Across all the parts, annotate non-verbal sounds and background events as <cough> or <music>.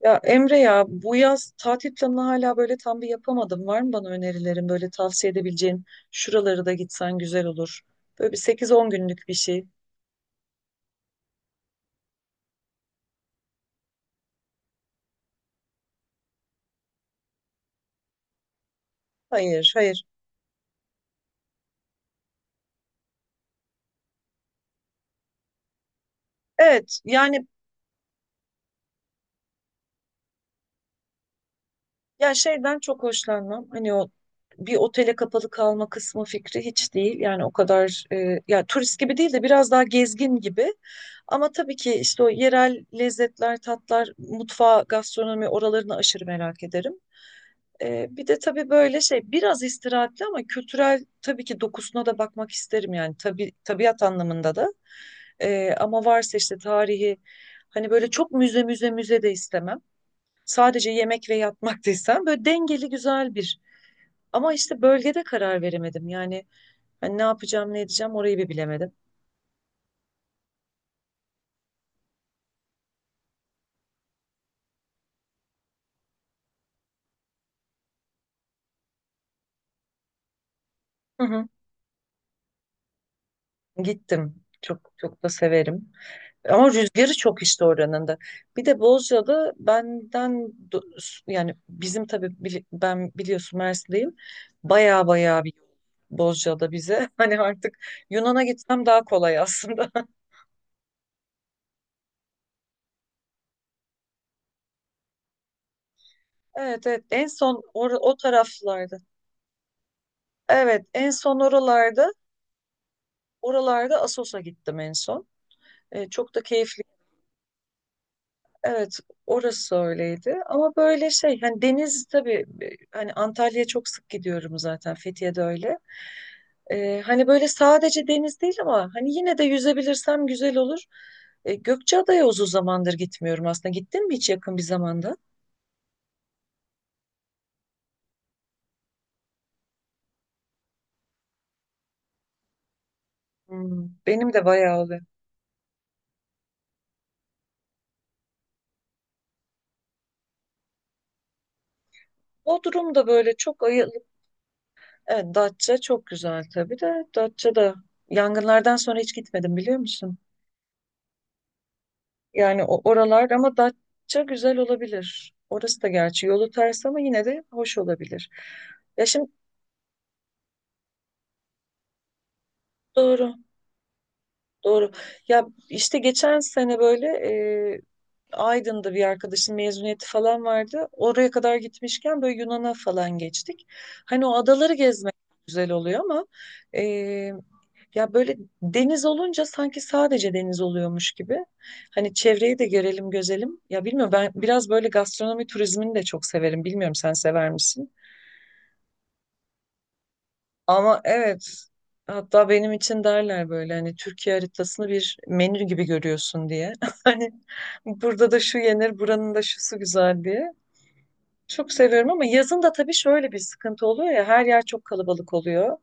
Ya Emre ya bu yaz tatil planını hala böyle tam bir yapamadım. Var mı bana önerilerin böyle tavsiye edebileceğin? Şuraları da gitsen güzel olur. Böyle bir 8-10 günlük bir şey. Hayır, hayır. Evet yani ya şeyden çok hoşlanmam. Hani o bir otele kapalı kalma kısmı fikri hiç değil. Yani o kadar ya turist gibi değil de biraz daha gezgin gibi. Ama tabii ki işte o yerel lezzetler, tatlar, mutfağı, gastronomi oralarını aşırı merak ederim. Bir de tabii böyle şey biraz istirahatli ama kültürel tabii ki dokusuna da bakmak isterim yani tabii tabiat anlamında da. Ama varsa işte tarihi hani böyle çok müze müze müze de istemem. Sadece yemek ve yatmak <laughs> da istemem. Böyle dengeli güzel bir. Ama işte bölgede karar veremedim. Yani hani ne yapacağım ne edeceğim orayı bir bilemedim. Hı hı. Gittim. Çok çok da severim. Ama rüzgarı çok işte oranın da. Bir de Bozcaada benden do- yani bizim tabii ben biliyorsun Mersin'deyim. Baya baya bir Bozcaada bize. <laughs> Hani artık Yunan'a gitsem daha kolay aslında. <laughs> Evet evet, en son o taraflarda. Evet, en son oralarda Assos'a gittim en son. Çok da keyifli. Evet, orası öyleydi. Ama böyle şey, hani deniz tabii, hani Antalya'ya çok sık gidiyorum zaten, Fethiye'de öyle. Hani böyle sadece deniz değil ama hani yine de yüzebilirsem güzel olur. Gökçeada'ya uzun zamandır gitmiyorum aslında. Gittin mi hiç yakın bir zamanda? Benim de bayağı oluyor. Bodrum da böyle çok ayılıp, evet Datça çok güzel tabii de. Datça da yangınlardan sonra hiç gitmedim biliyor musun? Yani o oralar ama Datça güzel olabilir. Orası da gerçi yolu ters ama yine de hoş olabilir. Ya şimdi doğru. Doğru. Ya işte geçen sene böyle e, Aydın'da bir arkadaşın mezuniyeti falan vardı. Oraya kadar gitmişken böyle Yunan'a falan geçtik. Hani o adaları gezmek güzel oluyor ama e, ya böyle deniz olunca sanki sadece deniz oluyormuş gibi. Hani çevreyi de görelim gözelim. Ya bilmiyorum, ben biraz böyle gastronomi turizmini de çok severim. Bilmiyorum, sen sever misin? Ama evet, hatta benim için derler böyle hani Türkiye haritasını bir menü gibi görüyorsun diye. <laughs> Hani burada da şu yenir, buranın da şusu güzel diye. Çok seviyorum ama yazın da tabii şöyle bir sıkıntı oluyor ya, her yer çok kalabalık oluyor.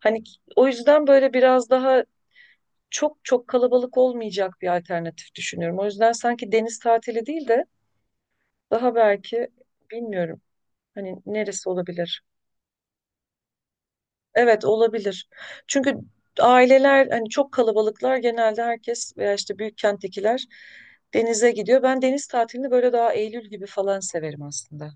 Hani o yüzden böyle biraz daha çok çok kalabalık olmayacak bir alternatif düşünüyorum. O yüzden sanki deniz tatili değil de daha belki bilmiyorum, hani neresi olabilir? Evet olabilir. Çünkü aileler hani çok kalabalıklar genelde, herkes veya işte büyük kenttekiler denize gidiyor. Ben deniz tatilini böyle daha Eylül gibi falan severim aslında.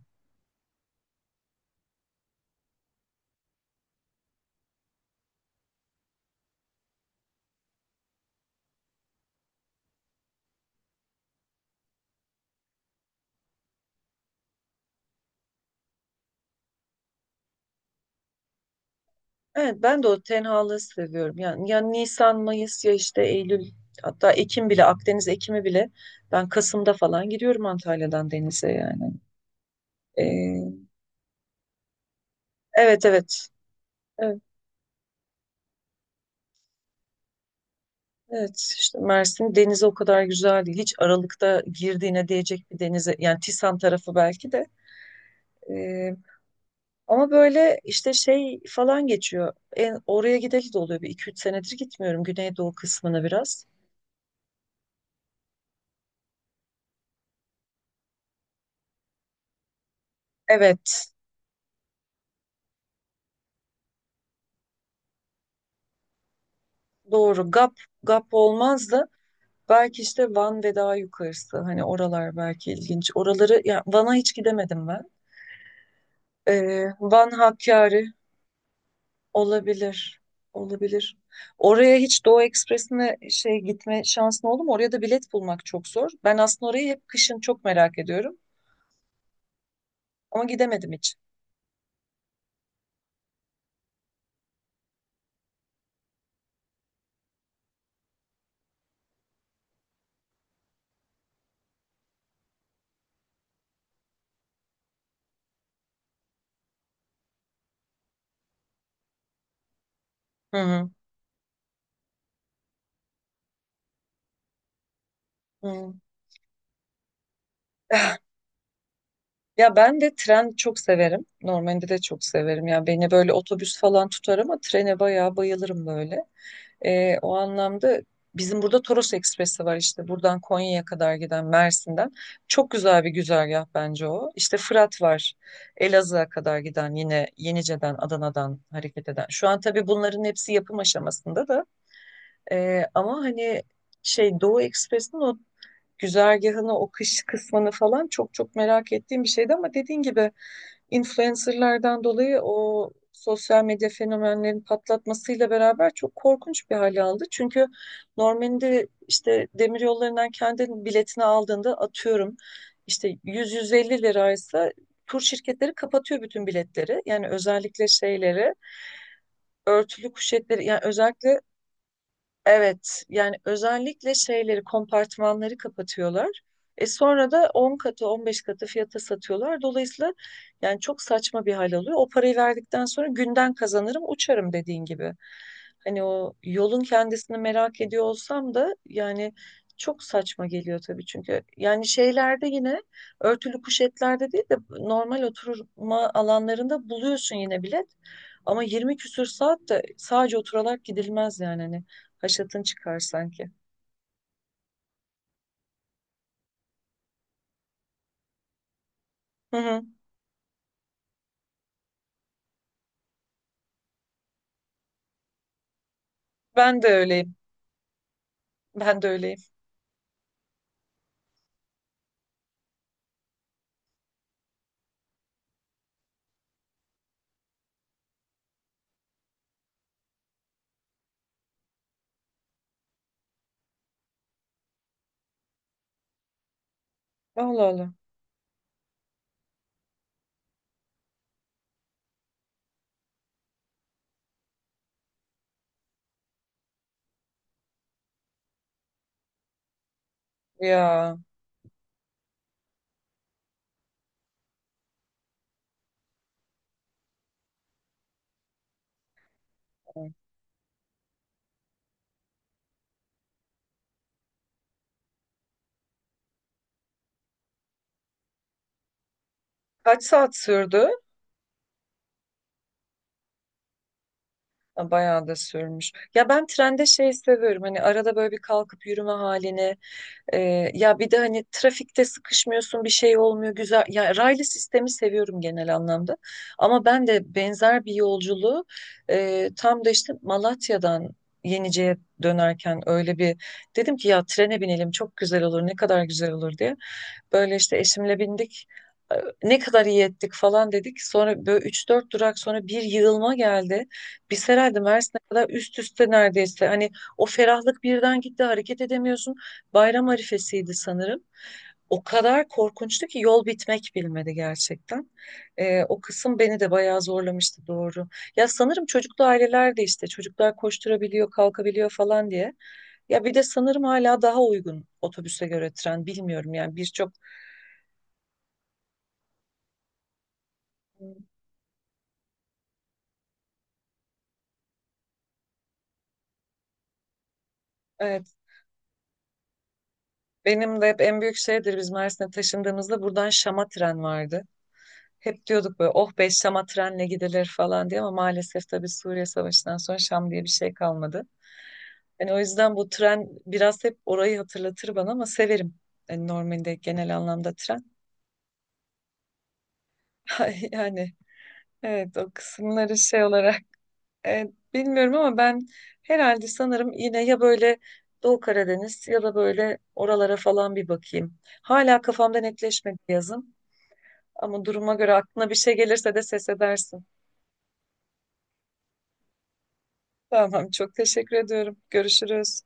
Evet, ben de o tenhalığı seviyorum. Yani ya Nisan, Mayıs ya işte Eylül, hatta Ekim bile, Akdeniz Ekimi bile, ben Kasım'da falan gidiyorum Antalya'dan denize yani. Ee, evet evet. Evet, evet. işte Mersin denizi o kadar güzel değil. Hiç Aralık'ta girdiğine değecek bir denize, yani Tisan tarafı belki de. Ee, Ama böyle işte şey falan geçiyor. Oraya gideli de oluyor. Bir iki üç senedir gitmiyorum Güneydoğu kısmına biraz. Evet doğru, GAP. GAP olmaz da belki işte Van ve daha yukarısı. Hani oralar belki ilginç. Oraları, ya Van'a hiç gidemedim ben. Van, Hakkari olabilir. Olabilir. Oraya hiç Doğu Ekspresi'ne şey, gitme şansın oldu mu? Oraya da bilet bulmak çok zor. Ben aslında orayı hep kışın çok merak ediyorum. Ama gidemedim hiç. Hı hı. Hı. <laughs> Ya ben de tren çok severim. Normalde de çok severim. Ya beni böyle otobüs falan tutar ama trene bayağı bayılırım böyle. O anlamda bizim burada Toros Ekspresi var işte. Buradan Konya'ya kadar giden, Mersin'den. Çok güzel bir güzergah bence o. İşte Fırat var. Elazığ'a kadar giden yine, Yenice'den, Adana'dan hareket eden. Şu an tabii bunların hepsi yapım aşamasında da. Ama hani şey, Doğu Ekspresi'nin o güzergahını, o kış kısmını falan çok çok merak ettiğim bir şeydi ama dediğin gibi influencerlardan dolayı, o sosyal medya fenomenlerin patlatmasıyla beraber çok korkunç bir hale aldı. Çünkü normalde işte demir yollarından kendi biletini aldığında, atıyorum işte 100-150 liraysa, tur şirketleri kapatıyor bütün biletleri. Yani özellikle şeyleri, örtülü kuşetleri, yani özellikle, evet, yani özellikle şeyleri, kompartmanları kapatıyorlar. Sonra da 10 katı, 15 katı fiyata satıyorlar. Dolayısıyla yani çok saçma bir hal alıyor. O parayı verdikten sonra günden kazanırım, uçarım dediğin gibi. Hani o yolun kendisini merak ediyor olsam da yani çok saçma geliyor tabii çünkü. Yani şeylerde yine, örtülü kuşetlerde değil de normal oturma alanlarında buluyorsun yine bilet. Ama 20 küsür saat de sadece oturarak gidilmez yani hani. Haşatın çıkar sanki. Hı hı. Ben de öyleyim. Ben de öyleyim. Allah Allah. Ya. Kaç saat sürdü? Ha, bayağı da sürmüş. Ya ben trende şey seviyorum. Hani arada böyle bir kalkıp yürüme halini. Ya bir de hani trafikte sıkışmıyorsun, bir şey olmuyor, güzel. Ya raylı sistemi seviyorum genel anlamda. Ama ben de benzer bir yolculuğu tam da işte Malatya'dan Yenice'ye dönerken, öyle bir dedim ki ya trene binelim çok güzel olur, ne kadar güzel olur diye. Böyle işte eşimle bindik. Ee, Ne kadar iyi ettik falan dedik. Sonra böyle üç dört durak sonra bir yığılma geldi. Biz herhalde Mersin'e kadar üst üste neredeyse. Hani o ferahlık birden gitti. Hareket edemiyorsun. Bayram arifesiydi sanırım. O kadar korkunçtu ki yol bitmek bilmedi gerçekten. O kısım beni de bayağı zorlamıştı, doğru. Ya sanırım çocuklu aileler de, işte çocuklar koşturabiliyor, kalkabiliyor falan diye. Ya bir de sanırım hala daha uygun otobüse göre tren, bilmiyorum, yani birçok, evet, benim de hep en büyük şeydir, biz Mersin'e taşındığımızda buradan Şam'a tren vardı. Hep diyorduk böyle, oh be, Şam'a trenle gidilir falan diye, ama maalesef tabii Suriye Savaşı'ndan sonra Şam diye bir şey kalmadı. Yani o yüzden bu tren biraz hep orayı hatırlatır bana, ama severim. Yani normalde, genel anlamda, tren. <laughs> Yani evet o kısımları şey olarak e, bilmiyorum ama ben herhalde sanırım yine, ya böyle Doğu Karadeniz ya da böyle oralara falan bir bakayım. Hala kafamda netleşmedi yazın, ama duruma göre aklına bir şey gelirse de ses edersin. Tamam, çok teşekkür ediyorum. Görüşürüz.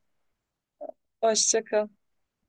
Hoşça kal.